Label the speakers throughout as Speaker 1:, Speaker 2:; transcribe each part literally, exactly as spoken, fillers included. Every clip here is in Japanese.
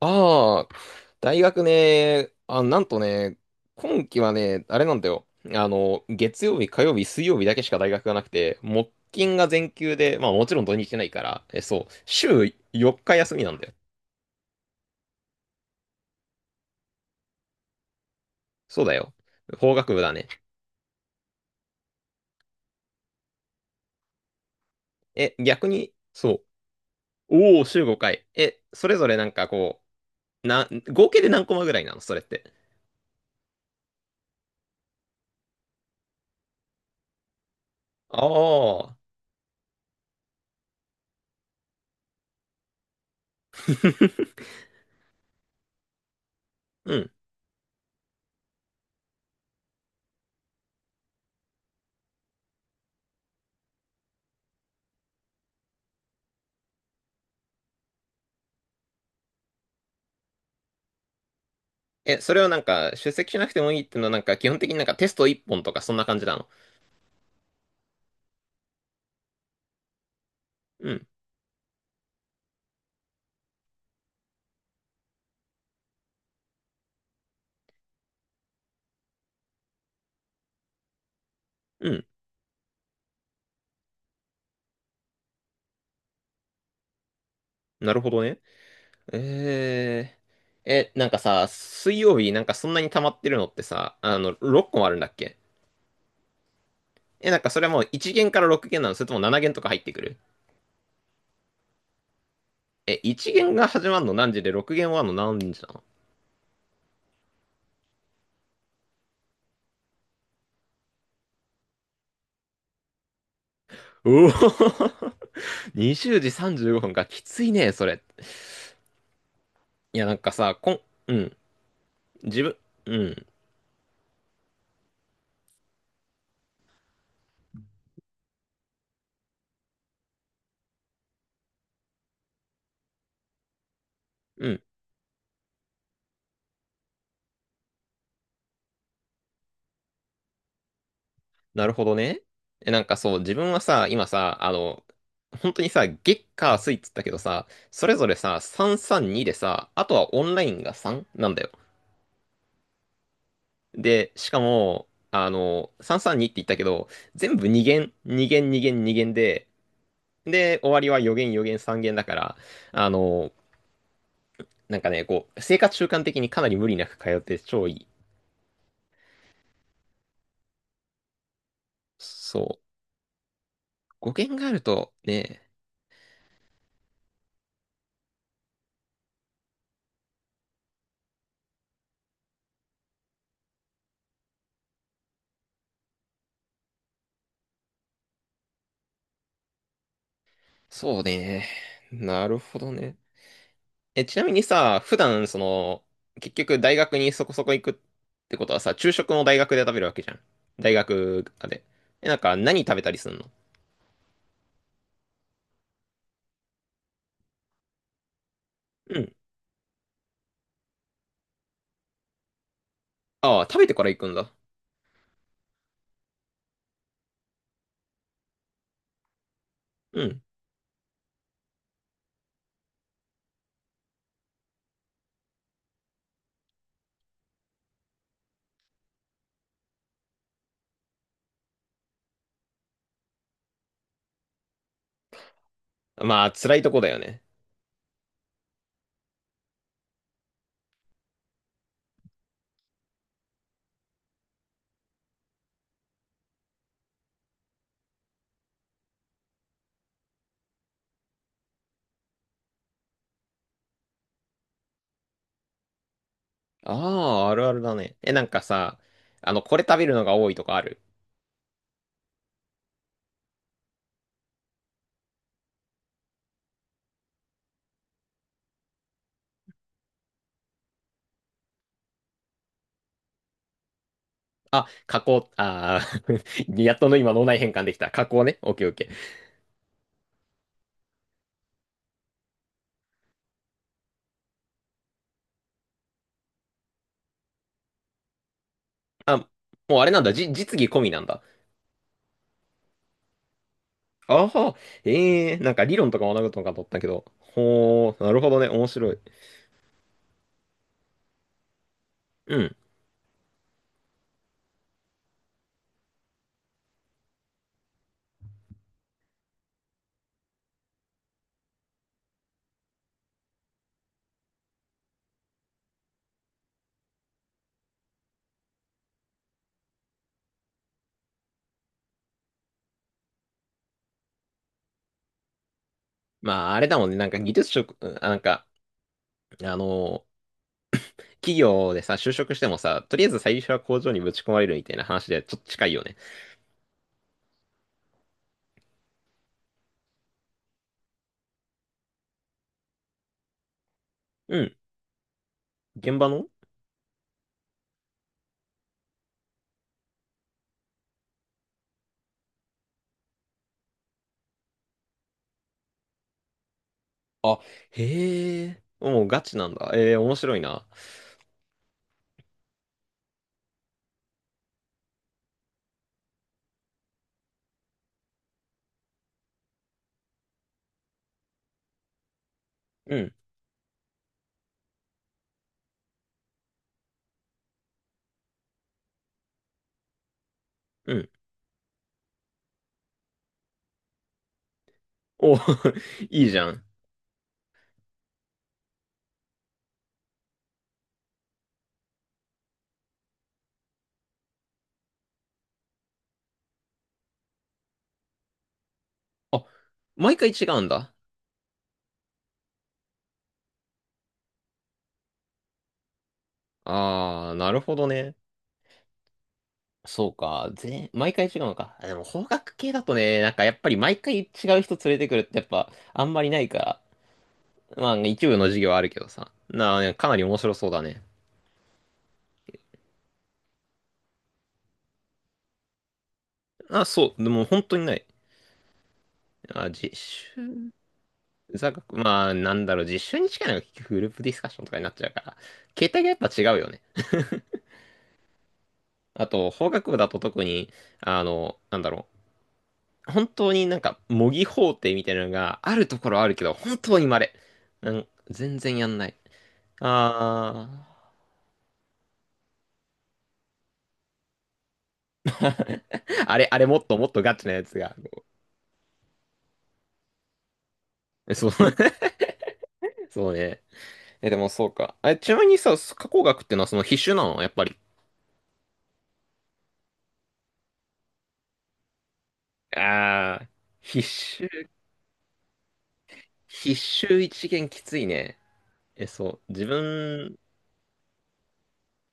Speaker 1: ああ、大学ね、あ、なんとね、今期はね、あれなんだよ。あの、月曜日、火曜日、水曜日だけしか大学がなくて、木金が全休で、まあもちろん土日ないから、え、そう、週よっか休みなんだよ。そうだよ。法学部だね。え、逆に、そう、おお、週ごかい。え、それぞれなんかこう、な、合計で何コマぐらいなのそれって？ああ。うん。え、それをなんか、出席しなくてもいいっていうのはなんか、基本的になんかテストいっぽんとかそんな感じなの？うん。なるほどね。えー、え、なんかさ、水曜日なんかそんなに溜まってるのってさ、あの、ろっこもあるんだっけ？え、なんかそれはもういち限からろく限なの？それともなな限とか入ってくる？え、いち限が始まるの何時でろく限終わるの何時なの？うおー。 にじゅうじさんじゅうごふんか、きついね、それ。いや、なんかさ、こん、うん、自分、うん、うん。なるほどね。え、なんかそう、自分はさ、今さ、あの、本当にさ、月火水っつったけどさ、それぞれさ、さんさんにでさ、あとはオンラインがさんなんだよ。で、しかも、あの、さんさんにって言ったけど、全部に限、に限、に限、に限で、で、終わりはよん限、よん限、さん限だから、あの、なんかね、こう、生活習慣的にかなり無理なく通って超いい。そう。ご限があると、ね、そうね。なるほどね。え、ちなみにさ、普段、その、結局大学にそこそこ行くってことはさ、昼食も大学で食べるわけじゃん。大学で。え、なんか何食べたりすんの？うん。ああ、食べてから行くんだ。うん。まあ、辛いとこだよね。ああ、あるあるだね。え、なんかさ、あの、これ食べるのが多いとかある？あ、加工、ああ。 やっとの今脳内変換できた。加工ね。オッケーオッケー。あ、もうあれなんだ。じ、実技込みなんだ。ああ、ええー、なんか理論とか学ぶとかと思ったけど。ほー、なるほどね。面白い。うん。まあ、あれだもんね。なんか技術職、うん、あ、なんか、あのー企業でさ、就職してもさ、とりあえず最初は工場にぶち込まれるみたいな話でちょっと近いよね。うん。現場の。あ、へえ。もうガチなんだ。えー、面白いな。うん。うん。お。 いいじゃん。あ、毎回違うんだ。あー、なるほどね。そうか。ぜ、毎回違うのか。あ、でも、法学系だとね、なんかやっぱり毎回違う人連れてくるってやっぱ、あんまりないから。まあ、一部の授業はあるけどさ。なあ、かなり面白そうだね。あ、そう。でも本当にない。あ、実習、座学、まあ、なんだろう、実習に近いのが結局グループディスカッションとかになっちゃうから、形態がやっぱ違うよね。あと、法学部だと特に、あの、なんだろう。本当になんか模擬法廷みたいなのがあるところはあるけど、本当に稀。うん、全然やんない。あー。あれ、あれもっともっとガチなやつが。そう。そうね。え、でもそうか。あ、ちなみにさ、加工学ってのはその必修なのやっぱり？ああ、必修、必修一限きついね。え、そう。自分、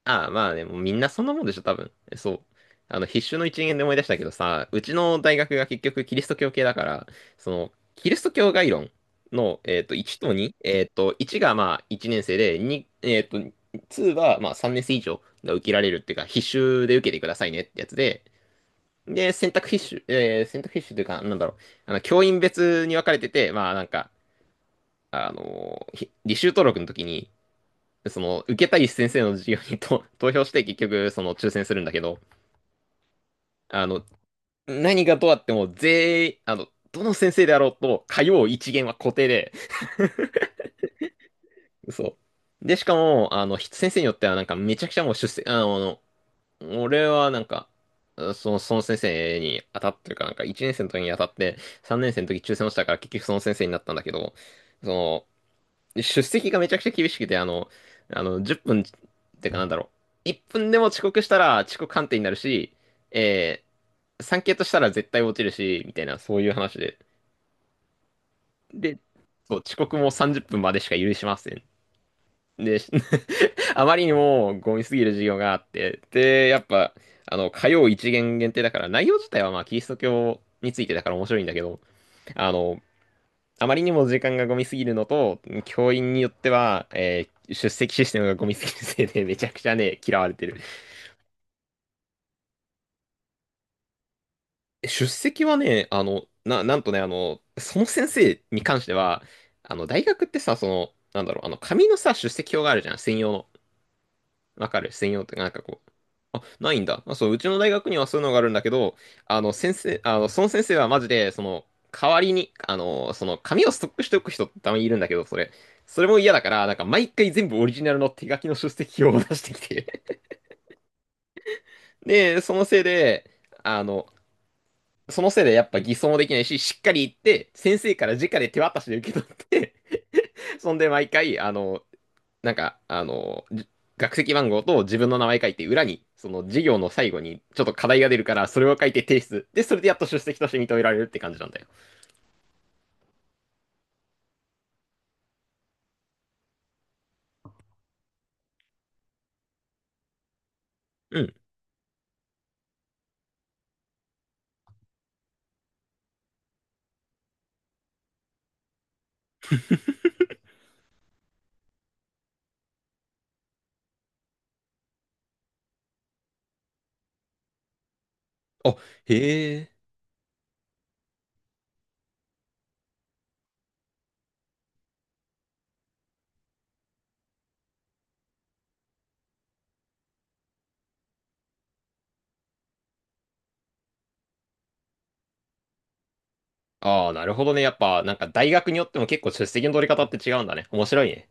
Speaker 1: ああ、まあね、もうみんなそんなもんでしょ、多分。え、そう。あの、必修の一限で思い出したけどさ、うちの大学が結局キリスト教系だから、その、キリスト教概論の、えっと、いちとに、えっと、いちがまあいちねん生で、に、えっと、にはまあさんねん生以上が受けられるっていうか、必修で受けてくださいねってやつで、で、選択必修、えー、選択必修というか、なんだろう、あの、教員別に分かれてて、まあなんか、あのーひ履修登録の時に、その、受けたい先生の授業にと 投票して結局、その、抽選するんだけど、あの、何がどうあっても全員、あの、どの先生であろうと、通う一限は固定で、そう。で、しかも、あの、ひ先生によってはなんかめちゃくちゃもう出席、あの、俺はなんか、その、その先生に当たってるかなんか、いちねん生の時に当たって、さんねん生の時抽選落ちたから結局その先生になったんだけど、その、出席がめちゃくちゃ厳しくて、あの、あの、じゅっぷんっぷんってかなんだろう。いっぷんでも遅刻したら遅刻判定になるし、えー、さん系としたら絶対落ちるし、みたいな、そういう話で。そう、遅刻もさんじゅっぷんまでしか許しません。で、し あまりにもゴミすぎる授業があって、で、やっぱ、あの、火曜一限限定だから、内容自体はまあ、キリスト教についてだから面白いんだけど、あの、あまりにも時間がゴミすぎるのと、教員によっては、えー出席システムがゴミすぎるせいで、めちゃくちゃね、嫌われてる。出席はね、あの、な、なんとね、あの、その先生に関しては、あの、大学ってさ、その、なんだろう、あの、紙のさ、出席表があるじゃん、専用の。わかる専用ってなんかこう。あ、ないんだ。あ、そう、うちの大学にはそういうのがあるんだけど、あの、先生、あの、その先生はマジで、その、代わりに、あの、その、紙をストックしておく人ってたまにいるんだけど、それ。それも嫌だから、なんか毎回全部オリジナルの手書きの出席表を出してきて。で、そのせいで、あの、そのせいでやっぱ偽装もできないし、しっかり言って、先生から直で手渡しで受け取って、そんで毎回、あの、なんか、あの、じ学籍番号と自分の名前書いて、裏に、その授業の最後にちょっと課題が出るから、それを書いて提出。で、それでやっと出席として認められるって感じなんだよ。うん。あ、へえ。ああ、なるほどね。やっぱ、なんか大学によっても結構出席の取り方って違うんだね。面白いね。